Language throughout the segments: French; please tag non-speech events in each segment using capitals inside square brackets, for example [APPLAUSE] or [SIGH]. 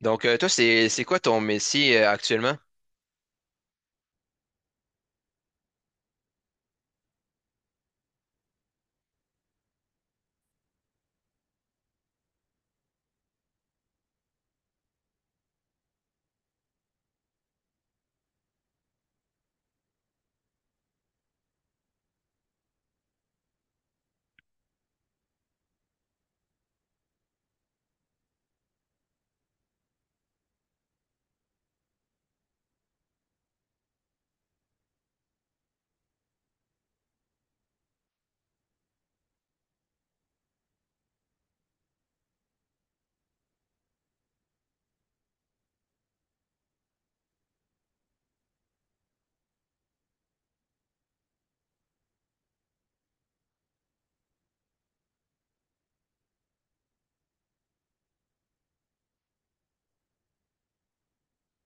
Donc, toi, c'est quoi ton métier actuellement?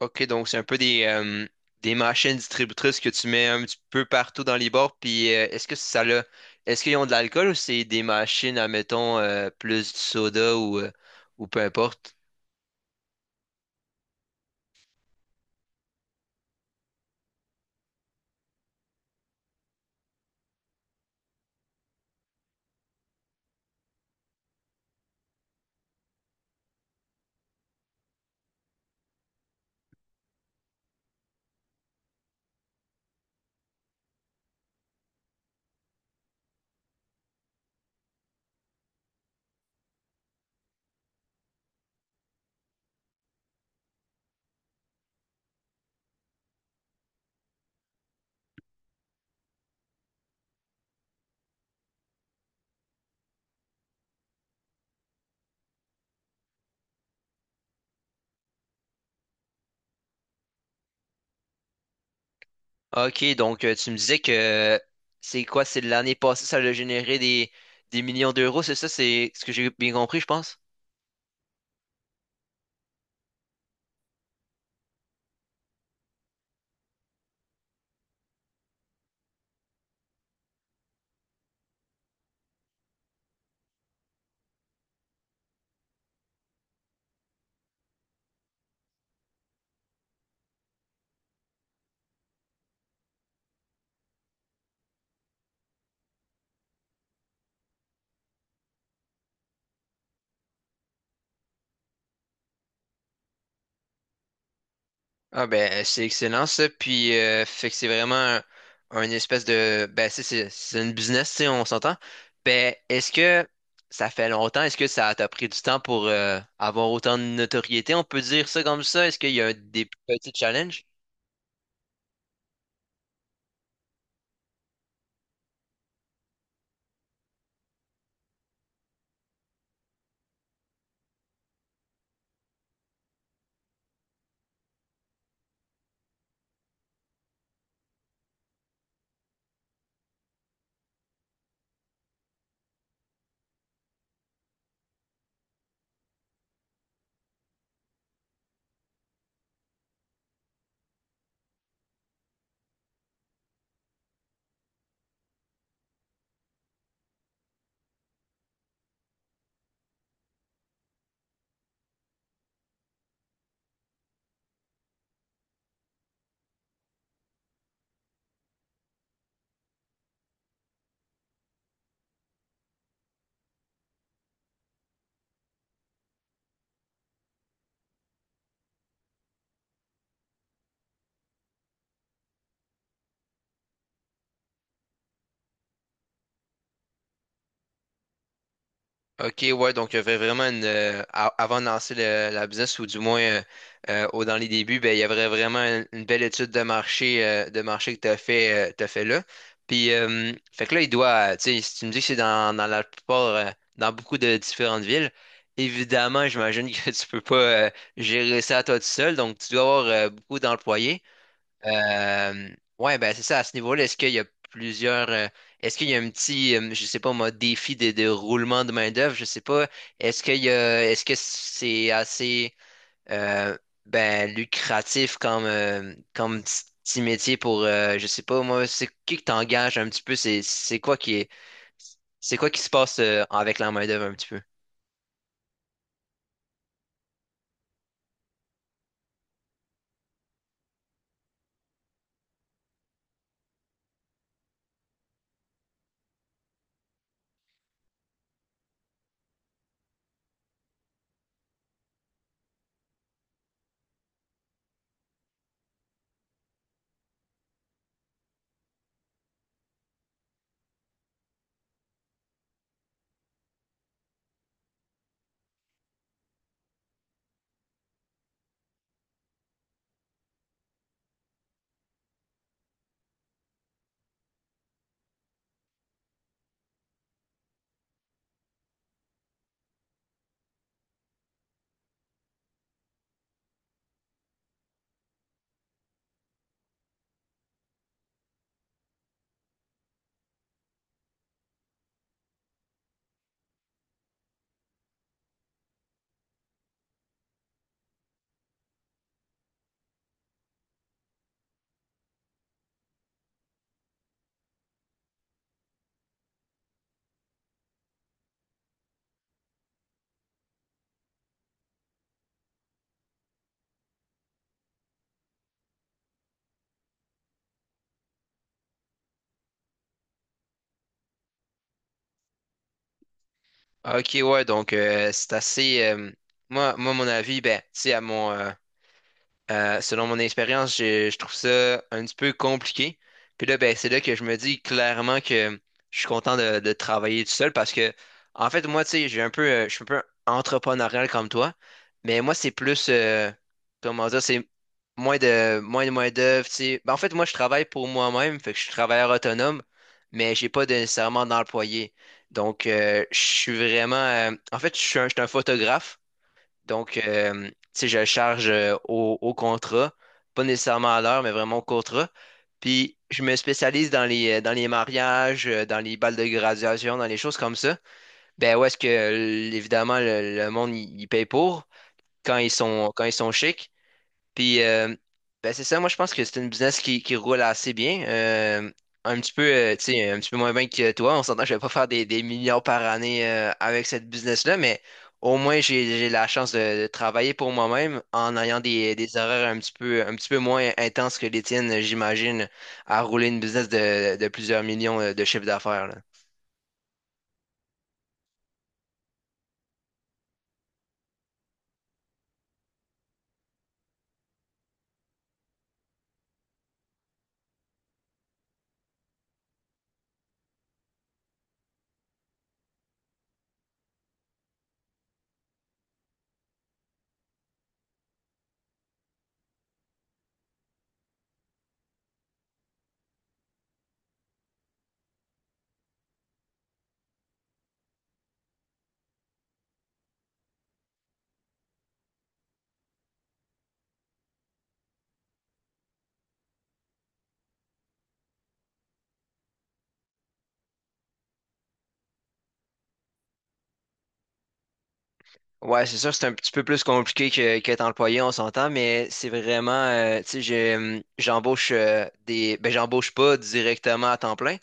OK, donc c'est un peu des machines distributrices que tu mets un petit peu partout dans les bars. Puis est-ce qu'ils ont de l'alcool ou c'est des machines, admettons, plus du soda ou peu importe? OK, donc tu me disais que c'est quoi? C'est l'année passée, ça a généré des millions d'euros, c'est ça? C'est ce que j'ai bien compris, je pense? Ah ben c'est excellent ça. Puis fait que c'est vraiment un espèce de, ben c'est c'est une business, tu sais, on s'entend. Ben est-ce que ça fait longtemps, est-ce que ça t'a pris du temps pour avoir autant de notoriété, on peut dire ça comme ça? Est-ce qu'il y a des petits challenges? OK, ouais, donc il y avait vraiment une, a- avant de lancer la business, ou du moins dans les débuts, ben, il y avait vraiment une belle étude de marché, que tu as fait, t'as fait là. Puis, fait que là, tu sais, si tu me dis que c'est dans beaucoup de différentes villes, évidemment, j'imagine que [LAUGHS] tu peux pas gérer ça à toi tout seul, donc tu dois avoir beaucoup d'employés. Euh, ouais, ben c'est ça, à ce niveau-là, est-ce qu'il y a plusieurs. Est-ce qu'il y a je sais pas moi, défi de roulement de main-d'œuvre, je sais pas. Est-ce qu'il y a, est-ce que c'est assez euh, ben, lucratif comme petit métier pour je sais pas moi, c'est qui que t'engages un petit peu, c'est quoi qui se passe avec la main-d'œuvre un petit peu? Ok, ouais, donc c'est assez. Moi, mon avis, ben, c'est à mon. Selon mon expérience, je trouve ça un petit peu compliqué. Puis là, ben, c'est là que je me dis clairement que je suis content de travailler tout seul parce que, en fait, moi, tu sais, je suis un peu entrepreneurial comme toi, mais moi, c'est plus, comment dire, c'est moins d'œuvre, tu sais. Ben, en fait, moi, je travaille pour moi-même, fait que je suis travailleur autonome, mais j'ai pas nécessairement d'employé. Donc, en fait, je suis un photographe. Donc, tu sais, je charge au contrat, pas nécessairement à l'heure, mais vraiment au contrat. Puis, je me spécialise dans les mariages, dans les balles de graduation, dans les choses comme ça. Ben, où est-ce que, évidemment, le monde, il paye pour quand ils sont chics. Puis, ben, c'est ça, moi, je pense que c'est une business qui roule assez bien. Un petit peu, tu sais, un petit peu moins bien que toi. On s'entend, que je vais pas faire des millions par année avec cette business-là, mais au moins, j'ai la chance de travailler pour moi-même en ayant des horaires un petit peu moins intenses que les tiennes, j'imagine, à rouler une business de plusieurs millions de chiffre d'affaires. Ouais, c'est sûr, c'est un petit peu plus compliqué que qu'être employé, on s'entend, mais c'est vraiment, tu sais, j'embauche ben j'embauche pas directement à temps plein,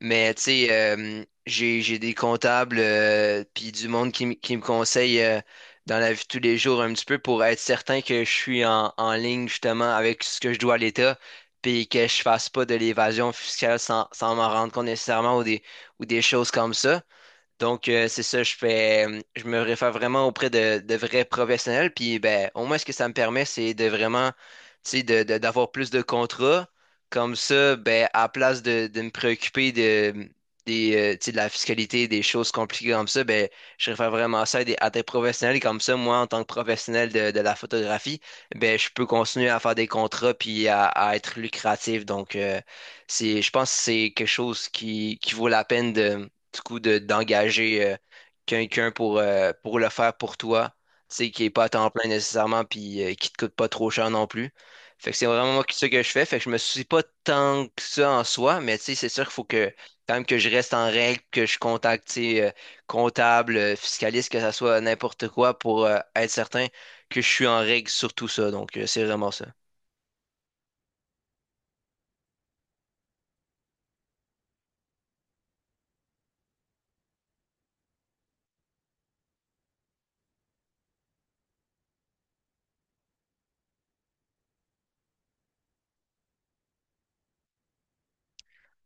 mais tu sais, j'ai des comptables puis du monde qui me conseille dans la vie de tous les jours un petit peu pour être certain que je suis en ligne justement avec ce que je dois à l'État, puis que je fasse pas de l'évasion fiscale sans m'en rendre compte nécessairement ou des choses comme ça. Donc, c'est ça, je me réfère vraiment auprès de vrais professionnels. Puis, ben, au moins, ce que ça me permet, c'est de vraiment, tu sais, d'avoir plus de contrats. Comme ça, ben, à place de me préoccuper tu sais, de la fiscalité, des choses compliquées comme ça, ben, je réfère vraiment ça à des professionnels. Et comme ça, moi, en tant que professionnel de la photographie, ben, je peux continuer à faire des contrats puis à être lucratif. Donc, je pense que c'est quelque chose qui vaut la peine du coup de d'engager quelqu'un pour le faire pour toi, tu sais, qui est pas à temps plein nécessairement, puis qui te coûte pas trop cher non plus. Fait que c'est vraiment moi ce que je fais, fait que je me soucie pas tant que ça en soi, mais tu sais, c'est sûr qu'il faut que quand même que je reste en règle, que je contacte, tu sais, comptable, fiscaliste, que ça soit n'importe quoi pour être certain que je suis en règle sur tout ça. Donc, c'est vraiment ça.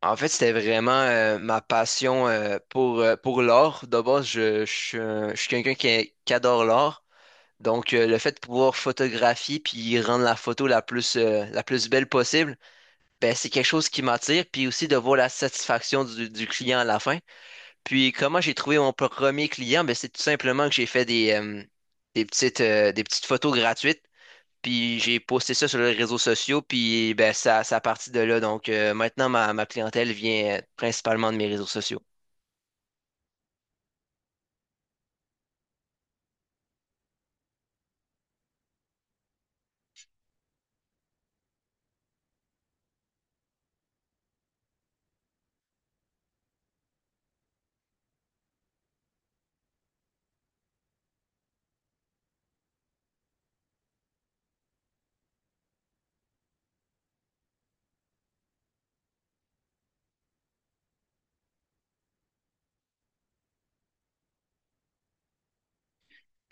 En fait, c'était vraiment ma passion pour l'art. D'abord, je suis quelqu'un qui adore l'art. Donc, le fait de pouvoir photographier puis rendre la photo la plus belle possible, ben, c'est quelque chose qui m'attire. Puis aussi de voir la satisfaction du client à la fin. Puis, comment j'ai trouvé mon premier client? Ben, c'est tout simplement que j'ai fait des petites photos gratuites. Puis j'ai posté ça sur les réseaux sociaux, puis ben, ça a parti de là. Donc maintenant, ma clientèle vient principalement de mes réseaux sociaux.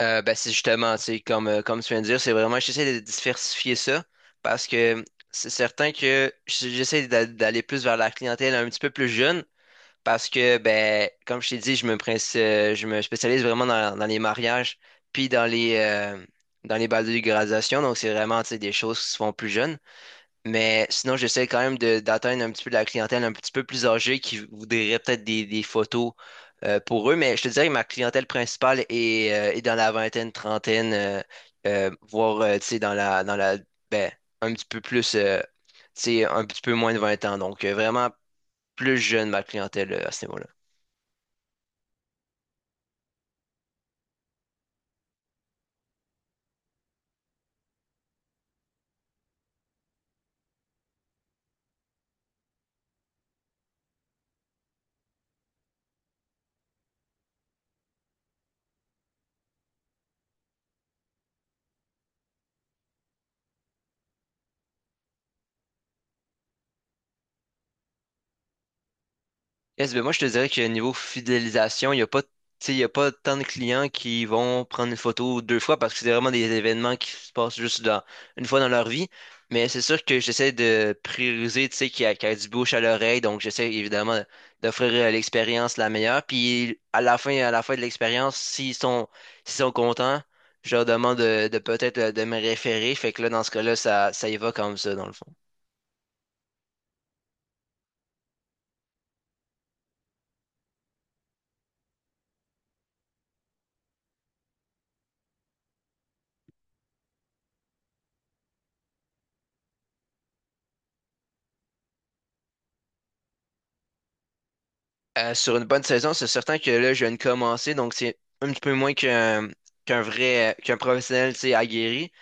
Ben, c'est justement, tu sais, comme tu viens de dire, j'essaie de diversifier ça parce que c'est certain que j'essaie d'aller plus vers la clientèle un petit peu plus jeune parce que, ben, comme je t'ai dit, je me spécialise vraiment dans les mariages puis dans les bals de graduation. Donc, c'est vraiment, tu sais, des choses qui se font plus jeunes. Mais sinon, j'essaie quand même d'atteindre un petit peu de la clientèle un petit peu plus âgée qui voudrait peut-être des photos pour eux. Mais je te dirais que ma clientèle principale est dans la vingtaine, trentaine, voire tu sais, ben, un petit peu plus, tu sais, un petit peu moins de 20 ans. Donc vraiment plus jeune ma clientèle à ce niveau-là. Yes, ben moi je te dirais que niveau fidélisation, il n'y a pas, tu sais, il y a pas tant de clients qui vont prendre une photo deux fois parce que c'est vraiment des événements qui se passent juste une fois dans leur vie. Mais c'est sûr que j'essaie de prioriser, tu sais, qu'il y a du bouche à l'oreille. Donc j'essaie évidemment d'offrir l'expérience la meilleure. Puis à la fin de l'expérience, s'ils sont contents, je leur demande de me référer. Fait que là, dans ce cas-là, ça y va comme ça, dans le fond. Sur une bonne saison, c'est certain que là, je viens de commencer, donc c'est un petit peu moins qu'un professionnel, tu sais, aguerri.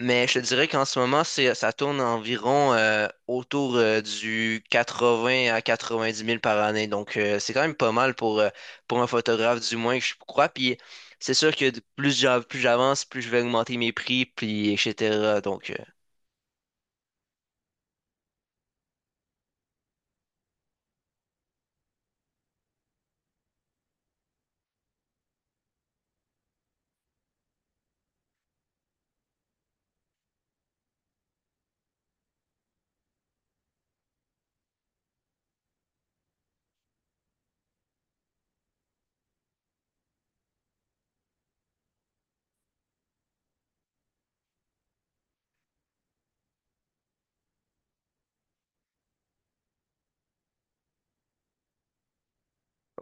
Mais je te dirais qu'en ce moment, ça tourne environ autour du 80 à 90 000 par année. Donc, c'est quand même pas mal pour un photographe, du moins, je crois. Puis, c'est sûr que plus plus j'avance, plus je vais augmenter mes prix, puis etc. Donc,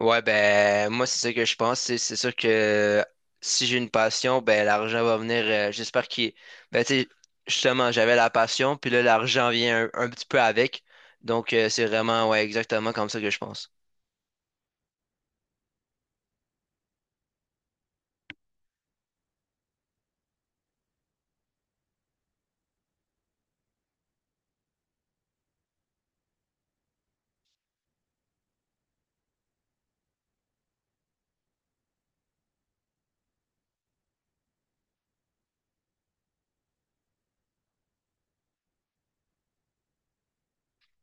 ouais, ben moi c'est ça que je pense. C'est sûr que si j'ai une passion, ben l'argent va venir. J'espère qu'il. Ben tu sais, justement, j'avais la passion, puis là l'argent vient un petit peu avec. Donc c'est vraiment, ouais, exactement comme ça que je pense.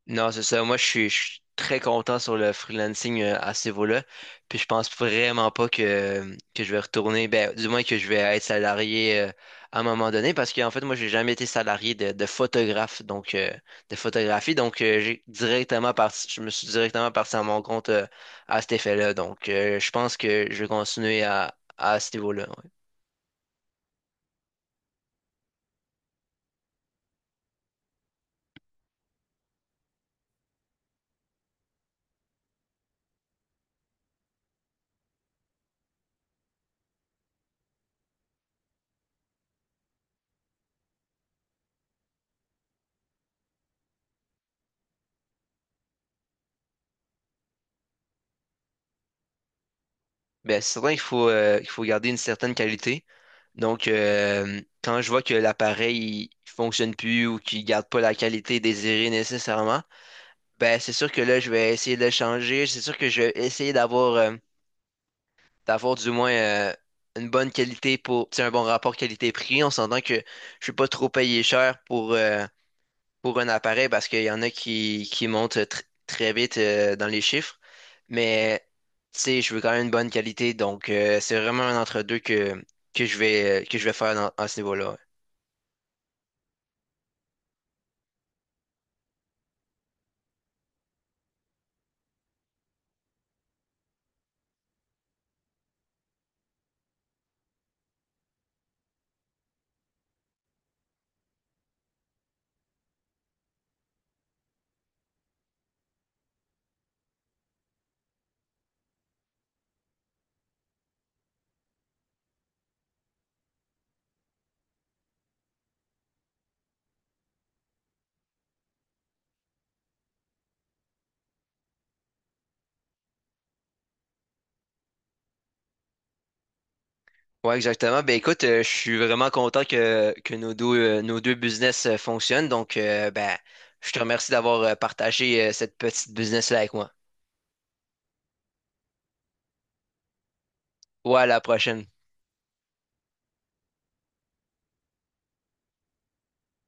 Non, c'est ça. Moi, je suis très content sur le freelancing à ce niveau-là. Puis je pense vraiment pas que je vais retourner, ben, du moins que je vais être salarié à un moment donné, parce qu'en fait, moi, j'ai jamais été salarié de photographe, donc de photographie. Donc, je me suis directement parti à mon compte à cet effet-là. Donc, je pense que je vais continuer à ce niveau-là. Ouais. Ben, c'est certain qu'il faut garder une certaine qualité. Donc, quand je vois que l'appareil il fonctionne plus ou qu'il garde pas la qualité désirée nécessairement, ben, c'est sûr que là, je vais essayer de le changer. C'est sûr que je vais essayer d'avoir du moins une bonne qualité pour, tu sais, un bon rapport qualité-prix. On s'entend que je vais pas trop payer cher pour un appareil parce qu'il y en a qui montent très vite dans les chiffres. Mais tu sais, je veux quand même une bonne qualité. Donc, c'est vraiment un entre-deux que je vais faire à ce niveau-là. Ouais, exactement. Ben écoute, je suis vraiment content que nos deux business fonctionnent. Donc, ben, je te remercie d'avoir partagé cette petite business-là avec moi. Ouais, à la prochaine.